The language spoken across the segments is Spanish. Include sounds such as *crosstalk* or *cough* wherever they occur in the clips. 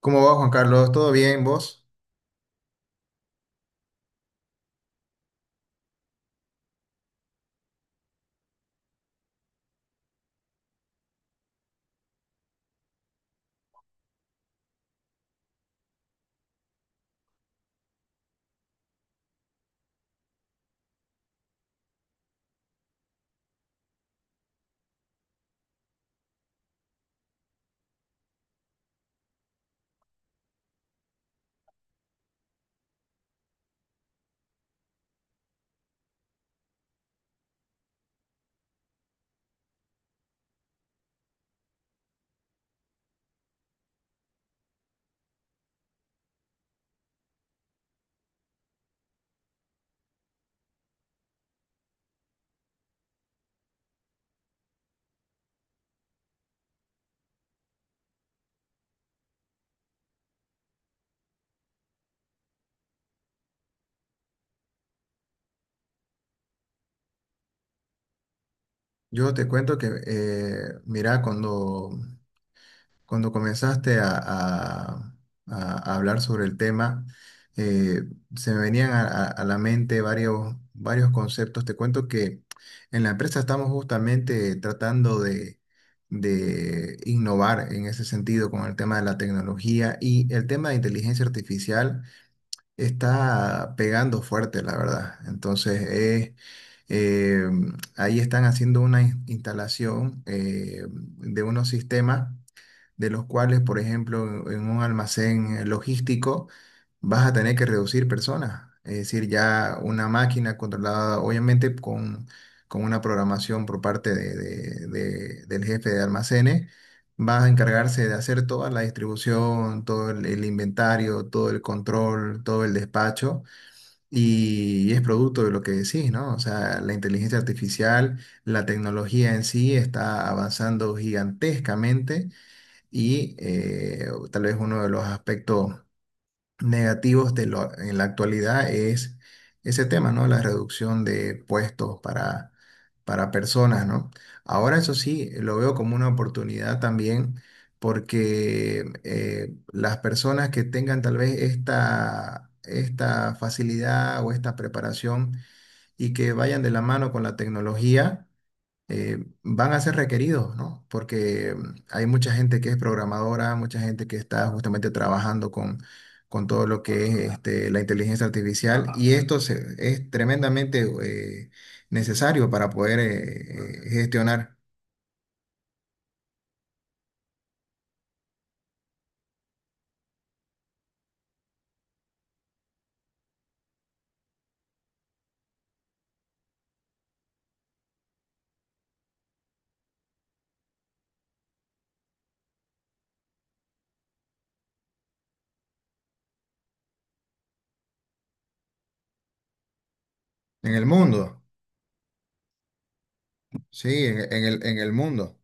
¿Cómo va Juan Carlos? ¿Todo bien vos? Yo te cuento que, mira, cuando comenzaste a hablar sobre el tema, eh, se me venían a a- la mente varios conceptos. Te cuento que en la empresa estamos justamente tratando de innovar en ese sentido con el tema de la tecnología y el tema de inteligencia artificial. Está pegando fuerte, la verdad. Entonces, eh, ahí están haciendo una instalación de unos sistemas de los cuales, por ejemplo, en un almacén logístico vas a tener que reducir personas. Es decir, ya una máquina controlada, obviamente, con una programación por parte del jefe de almacenes, va a encargarse de hacer toda la distribución, todo el inventario, todo el control, todo el despacho. Y es producto de lo que decís, ¿no? O sea, la inteligencia artificial, la tecnología en sí está avanzando gigantescamente y tal vez uno de los aspectos negativos de en la actualidad es ese tema, ¿no? La reducción de puestos para personas, ¿no? Ahora, eso sí, lo veo como una oportunidad también porque las personas que tengan tal vez esta, esta facilidad o esta preparación y que vayan de la mano con la tecnología, eh, van a ser requeridos, ¿no? Porque hay mucha gente que es programadora, mucha gente que está justamente trabajando con todo lo que es este, la inteligencia artificial, y esto es tremendamente necesario para poder gestionar en el mundo, sí, en el mundo,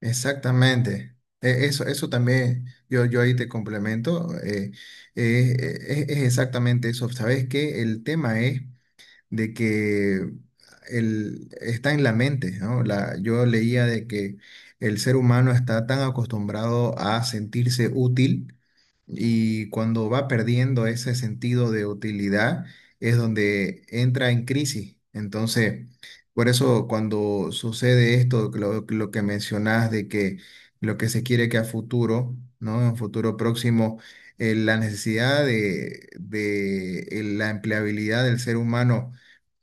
exactamente. Eso, eso también, yo ahí te complemento, es es exactamente eso. ¿Sabes qué? El tema es de que el, está en la mente, ¿no? La, yo leía de que el ser humano está tan acostumbrado a sentirse útil, y cuando va perdiendo ese sentido de utilidad es donde entra en crisis. Entonces, por eso cuando sucede esto, lo que mencionás de que lo que se quiere que a futuro, ¿no? En un futuro próximo, la necesidad de la empleabilidad del ser humano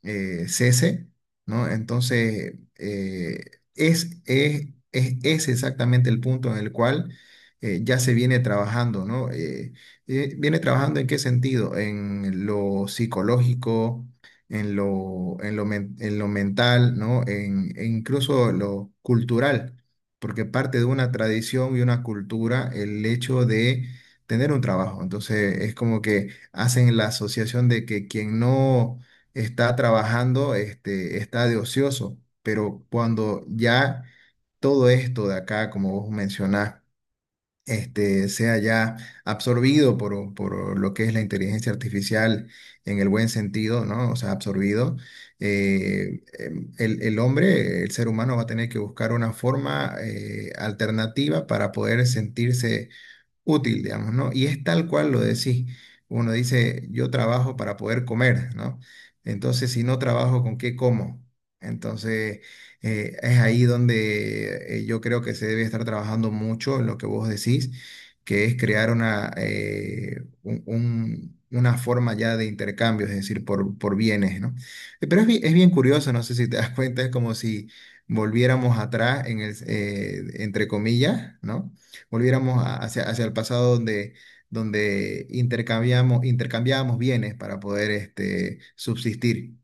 cese, ¿no? Entonces, es exactamente el punto en el cual ya se viene trabajando, ¿no? ¿Viene trabajando en qué sentido? En lo psicológico, en lo, en lo, en lo mental, ¿no? En, e incluso lo cultural, porque parte de una tradición y una cultura el hecho de tener un trabajo. Entonces, es como que hacen la asociación de que quien no está trabajando, este, está de ocioso, pero cuando ya todo esto de acá, como vos mencionás, este, sea ya absorbido por lo que es la inteligencia artificial en el buen sentido, ¿no? O sea, absorbido, el hombre, el ser humano va a tener que buscar una forma alternativa para poder sentirse útil, digamos, ¿no? Y es tal cual lo decís. Uno dice, yo trabajo para poder comer, ¿no? Entonces, si no trabajo, ¿con qué como? Entonces, es ahí donde yo creo que se debe estar trabajando mucho en lo que vos decís, que es crear una, una forma ya de intercambio, es decir, por bienes, ¿no? Pero es, es bien curioso, no sé si te das *laughs* cuenta, es como si volviéramos atrás, en el, entre comillas, ¿no? Volviéramos hacia, hacia el pasado donde, donde intercambiamos, intercambiábamos bienes para poder este, subsistir.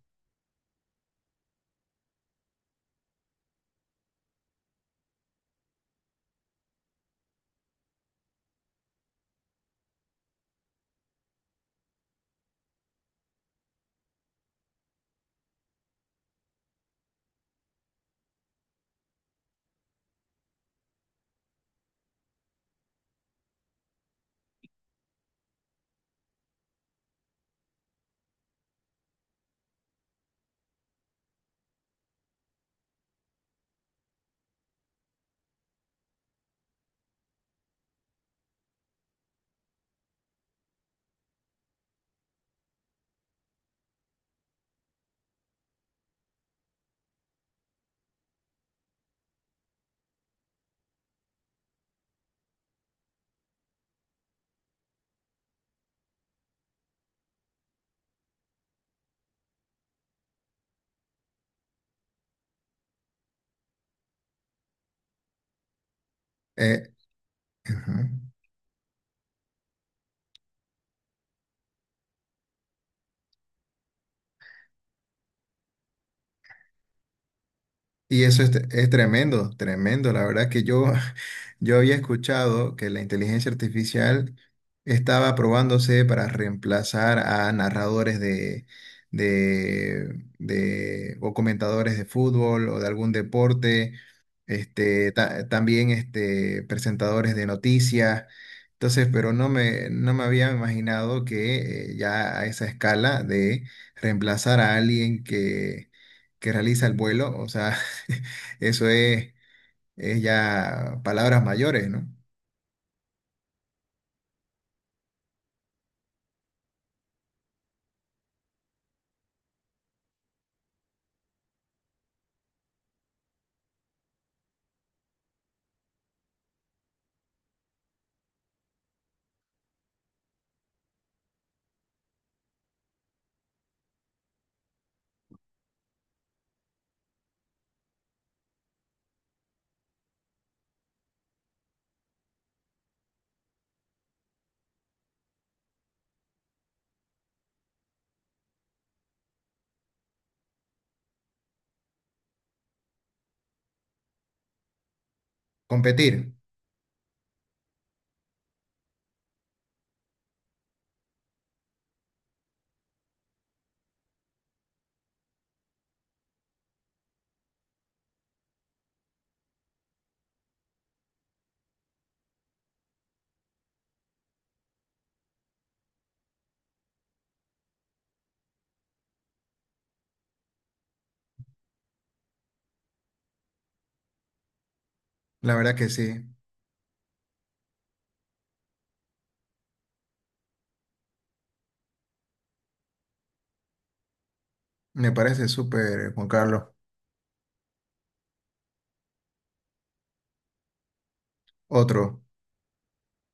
Eh, ujú. Y eso es tremendo, tremendo. La verdad que yo, *laughs* yo había escuchado que la inteligencia artificial estaba probándose para reemplazar a narradores de, o comentadores de fútbol o de algún deporte, este, también este, presentadores de noticias. Entonces, pero no me, no me había imaginado que ya a esa escala de reemplazar a alguien que realiza el vuelo, o sea, *laughs* eso es ya palabras mayores, ¿no? Competir. La verdad que sí. Me parece súper, Juan Carlos. Otro.